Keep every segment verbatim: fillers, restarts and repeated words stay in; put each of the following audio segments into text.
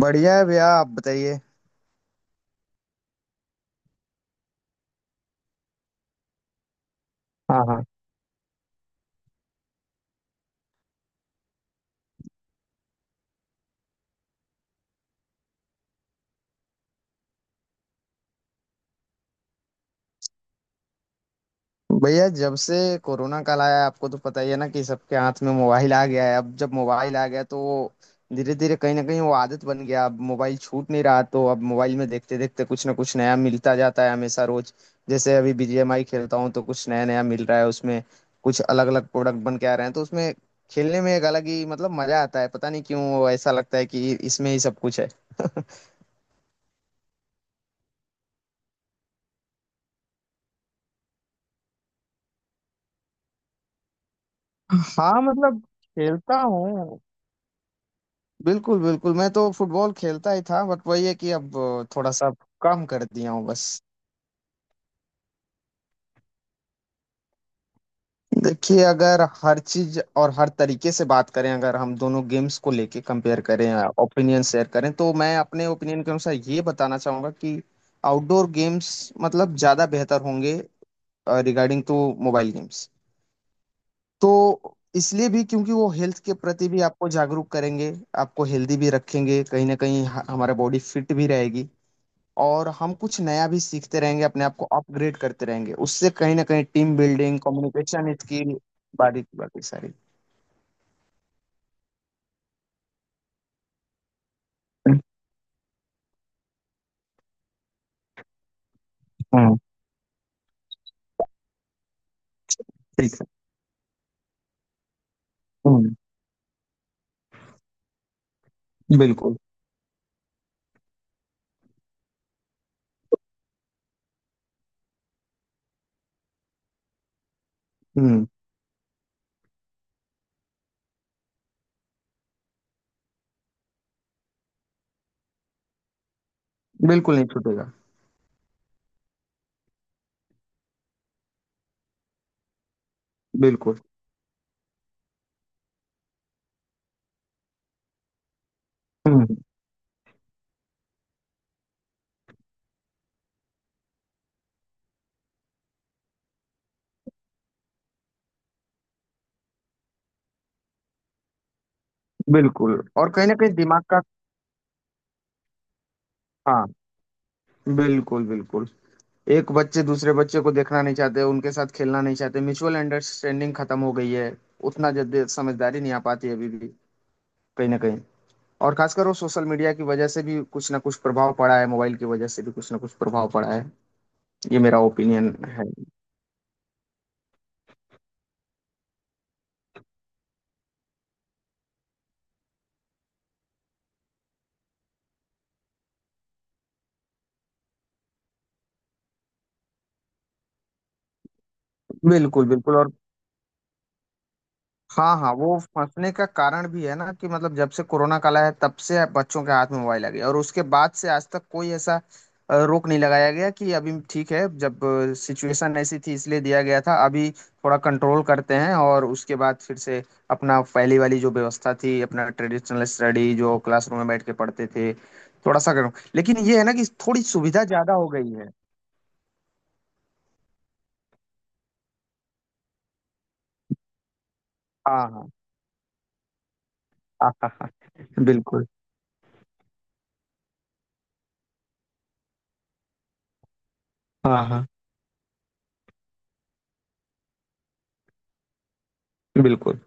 बढ़िया है भैया, आप बताइए। हाँ हाँ। भैया जब से कोरोना काल आया है, आपको तो पता ही है ना कि सबके हाथ में मोबाइल आ गया है। अब जब मोबाइल आ गया तो वो धीरे धीरे कहीं ना कहीं वो आदत बन गया। अब मोबाइल छूट नहीं रहा, तो अब मोबाइल में देखते देखते कुछ ना कुछ नया मिलता जाता है हमेशा रोज। जैसे अभी बी जी एम आई खेलता हूँ तो कुछ नया नया मिल रहा है उसमें। कुछ अलग अलग प्रोडक्ट बन के आ रहे हैं, तो उसमें खेलने में एक अलग ही मतलब मजा आता है। पता नहीं क्यों ऐसा लगता है कि इसमें ही सब कुछ है। हाँ मतलब खेलता हूँ। बिल्कुल बिल्कुल, मैं तो फुटबॉल खेलता ही था, बट वही है कि अब थोड़ा सा कम कर दिया हूँ बस। देखिए, अगर हर चीज और हर तरीके से बात करें, अगर हम दोनों गेम्स को लेके कंपेयर करें, ओपिनियन शेयर करें, तो मैं अपने ओपिनियन के अनुसार ये बताना चाहूंगा कि आउटडोर गेम्स मतलब ज्यादा बेहतर होंगे रिगार्डिंग टू मोबाइल गेम्स। तो इसलिए भी क्योंकि वो हेल्थ के प्रति भी आपको जागरूक करेंगे, आपको हेल्दी भी रखेंगे, कहीं ना कहीं ह- हमारा बॉडी फिट भी रहेगी। और हम कुछ नया भी सीखते रहेंगे, अपने आप को अपग्रेड करते रहेंगे, उससे कहीं ना कहीं टीम बिल्डिंग, कम्युनिकेशन स्किल, बारी की बाकी सारी। हाँ, ठीक है। हम्म, बिल्कुल। हम्म। बिल्कुल नहीं छूटेगा। बिल्कुल। हम्म। बिल्कुल और कहीं ना कहीं दिमाग का। हाँ, बिल्कुल बिल्कुल। एक बच्चे दूसरे बच्चे को देखना नहीं चाहते, उनके साथ खेलना नहीं चाहते, म्यूचुअल अंडरस्टैंडिंग खत्म हो गई है। उतना जल्दी समझदारी नहीं आ पाती है अभी भी कहीं ना कहीं। और खासकर वो सोशल मीडिया की वजह से भी कुछ ना कुछ प्रभाव पड़ा है, मोबाइल की वजह से भी कुछ ना कुछ प्रभाव पड़ा है। ये मेरा ओपिनियन है। बिल्कुल बिल्कुल। और हाँ हाँ, वो फंसने का कारण भी है ना कि मतलब जब से कोरोना काल आया है, तब से बच्चों के हाथ में मोबाइल आ गया, और उसके बाद से आज तक कोई ऐसा अ, रोक नहीं लगाया गया कि अभी ठीक है, जब सिचुएशन ऐसी थी इसलिए दिया गया था, अभी थोड़ा कंट्रोल करते हैं और उसके बाद फिर से अपना पहली वाली जो व्यवस्था थी, अपना ट्रेडिशनल स्टडी जो क्लासरूम में बैठ के पढ़ते थे, थोड़ा सा करो। लेकिन ये है ना कि थोड़ी सुविधा ज्यादा हो गई है। हाँ हाँ। हाँ हाँ। हाँ, बिल्कुल। हाँ हाँ। बिल्कुल।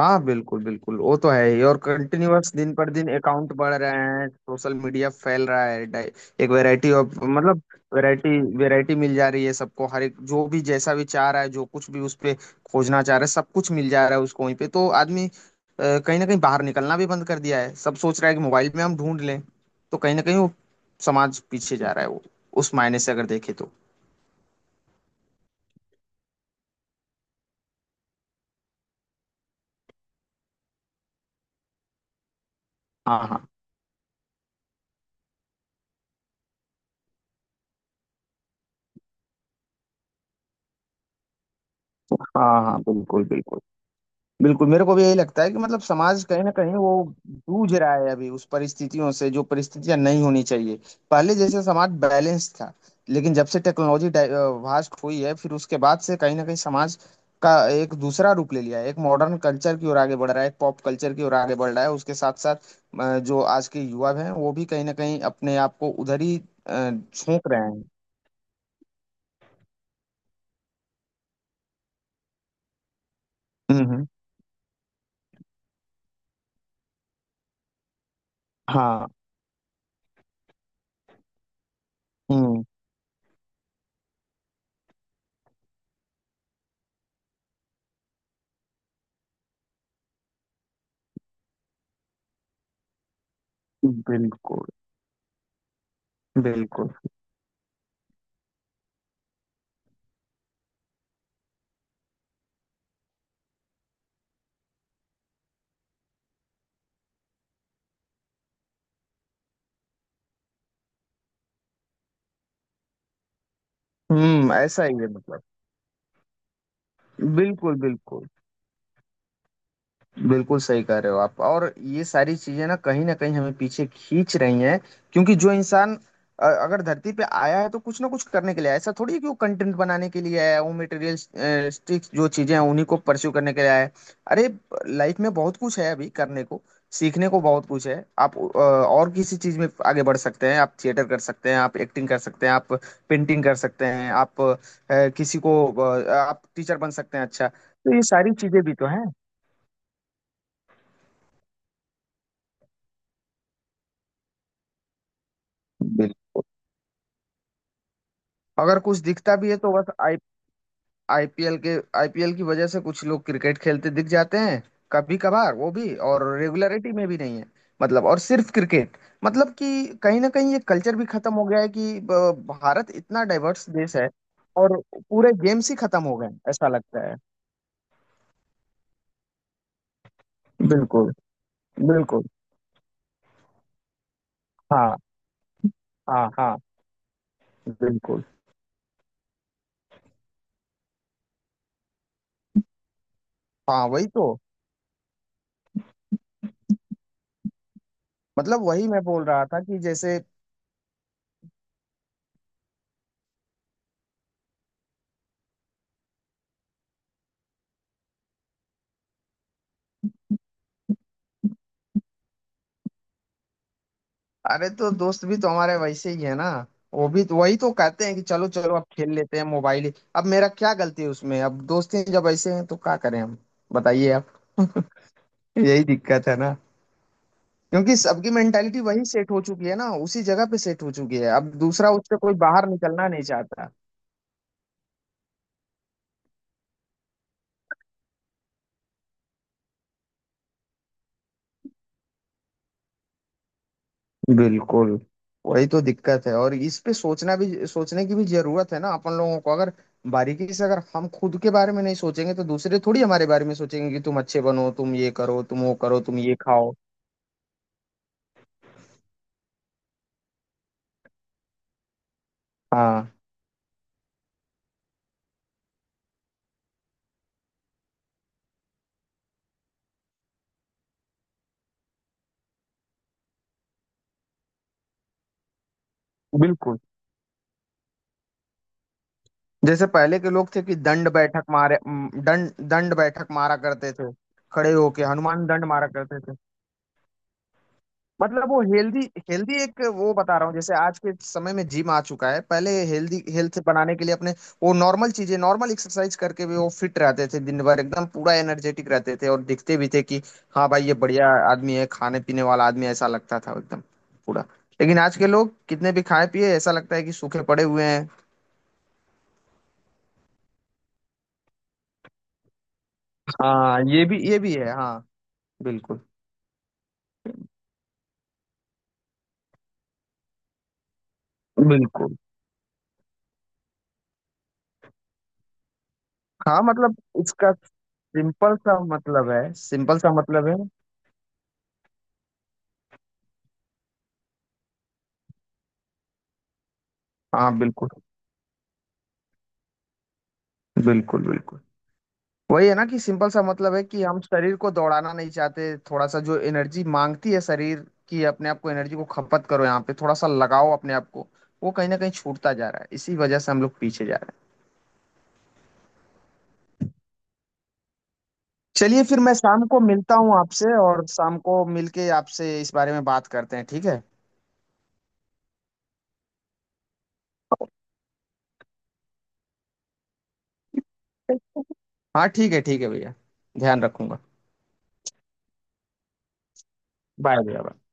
हाँ। बिल्कुल बिल्कुल, वो तो है ही। और कंटिन्यूअस दिन पर दिन अकाउंट बढ़ रहे हैं, सोशल मीडिया फैल रहा है, डाइ- एक वैरायटी ऑफ मतलब वैरायटी, वैरायटी मिल जा रही है सबको। हर एक जो भी जैसा भी चाह रहा है, जो कुछ भी उस पे खोजना चाह रहा है, सब कुछ मिल जा रहा है उसको वहीं पे। तो आदमी अ, कहीं ना कहीं बाहर निकलना भी बंद कर दिया है, सब सोच रहा है कि मोबाइल में हम ढूंढ लें। तो कहीं ना कहीं वो समाज पीछे जा रहा है, वो उस मायने से अगर देखे तो। हाँ हाँ। हाँ हाँ। बिल्कुल बिल्कुल। बिल्कुल मेरे को भी यही लगता है कि मतलब समाज कहीं ना कहीं वो जूझ रहा है अभी उस परिस्थितियों से, जो परिस्थितियां नहीं होनी चाहिए। पहले जैसे समाज बैलेंस था, लेकिन जब से टेक्नोलॉजी वास्ट हुई है, फिर उसके बाद से कहीं ना कहीं समाज का एक दूसरा रूप ले लिया है। एक मॉडर्न कल्चर की ओर आगे बढ़ रहा है, एक पॉप कल्चर की ओर आगे बढ़ रहा है, उसके साथ साथ अ, जो आज के युवा हैं वो भी कहीं ना कहीं अपने आप को उधर ही अ, झोंक रहे हैं। हम्म हम्म। हाँ। हम्म। बिल्कुल बिल्कुल। हम्म, ऐसा ही है मतलब। बिल्कुल, बिल्कुल। बिल्कुल सही कह रहे हो आप। और ये सारी चीजें ना कहीं ना कहीं हमें पीछे खींच रही हैं, क्योंकि जो इंसान अ, अगर धरती पे आया है तो कुछ ना कुछ करने के लिए आया है। ऐसा थोड़ी है कि वो कंटेंट बनाने के लिए आया है, वो मटेरियलिस्टिक जो चीजें हैं उन्हीं को परस्यू करने के लिए आया है। अरे, लाइफ में बहुत कुछ है अभी करने को, सीखने को बहुत कुछ है। आप अ, और किसी चीज में आगे बढ़ सकते हैं, आप थिएटर कर सकते हैं, आप एक्टिंग कर सकते हैं, आप पेंटिंग कर सकते हैं, आप अ, किसी को अ, आप टीचर बन सकते हैं। अच्छा, तो ये सारी चीजें भी तो हैं। बिल्कुल। अगर कुछ दिखता भी है तो बस आई आईपीएल के, आई पी एल की वजह से कुछ लोग क्रिकेट खेलते दिख जाते हैं, कभी कभार। वो भी, और रेगुलरिटी में भी नहीं है। मतलब और सिर्फ क्रिकेट, मतलब कि कहीं ना कहीं ये कल्चर भी खत्म हो गया है कि ब- भारत इतना डाइवर्स देश है, और पूरे गेम्स ही खत्म हो गए हैं, ऐसा लगता है। बिल्कुल बिल्कुल। हाँ हाँ। हाँ, बिल्कुल। हाँ, वही तो। मतलब वही मैं बोल रहा था कि जैसे। अरे तो दोस्त भी तो हमारे वैसे ही है ना। वो भी तो वही तो कहते हैं कि चलो चलो, अब खेल लेते हैं मोबाइल ही। अब मेरा क्या गलती है उसमें? अब दोस्त ही जब ऐसे हैं तो क्या करें हम? बताइए आप। यही दिक्कत है ना, क्योंकि सबकी मेंटालिटी वही सेट हो चुकी है ना, उसी जगह पे सेट हो चुकी है। अब दूसरा उससे कोई बाहर निकलना नहीं चाहता। बिल्कुल, वही तो दिक्कत है। और इस पे सोचना भी, सोचने की भी जरूरत है ना अपन लोगों को। अगर बारीकी से अगर हम खुद के बारे में नहीं सोचेंगे तो दूसरे थोड़ी हमारे बारे में सोचेंगे कि तुम अच्छे बनो, तुम ये करो, तुम वो करो, तुम ये खाओ। हाँ। बिल्कुल। जैसे पहले के लोग थे कि दंड बैठक मारे, दंड दंड बैठक मारा करते थे, खड़े होके हनुमान दंड मारा करते थे। मतलब वो हेल्दी, हेल्दी एक वो बता रहा हूँ। जैसे आज के समय में जिम आ चुका है, पहले हेल्दी, हेल्थ बनाने के लिए अपने वो नॉर्मल चीजें, नॉर्मल एक्सरसाइज करके भी वो फिट रहते थे, दिन भर एकदम पूरा एनर्जेटिक रहते थे, और दिखते भी थे कि हाँ भाई, ये बढ़िया आदमी है, खाने पीने वाला आदमी है, ऐसा लगता था एकदम पूरा। लेकिन आज के लोग कितने भी खाए पिए, ऐसा लगता है कि सूखे पड़े हुए हैं। हाँ, ये भी, ये भी है हाँ। बिल्कुल बिल्कुल। हाँ मतलब इसका सिंपल सा मतलब है, सिंपल सा मतलब है। हाँ बिल्कुल। बिल्कुल बिल्कुल। वही है ना कि सिंपल सा मतलब है कि हम शरीर को दौड़ाना नहीं चाहते। थोड़ा सा जो एनर्जी मांगती है शरीर की, अपने आप को एनर्जी को खपत करो, यहाँ पे थोड़ा सा लगाओ अपने आप को। वो कहीं ना कहीं छूटता जा रहा है, इसी वजह से हम लोग पीछे जा रहे हैं। चलिए फिर मैं शाम को मिलता हूँ आपसे, और शाम को मिलके आपसे इस बारे में बात करते हैं, ठीक है। हाँ ठीक है, ठीक है भैया, ध्यान रखूंगा। बाय भैया, bye।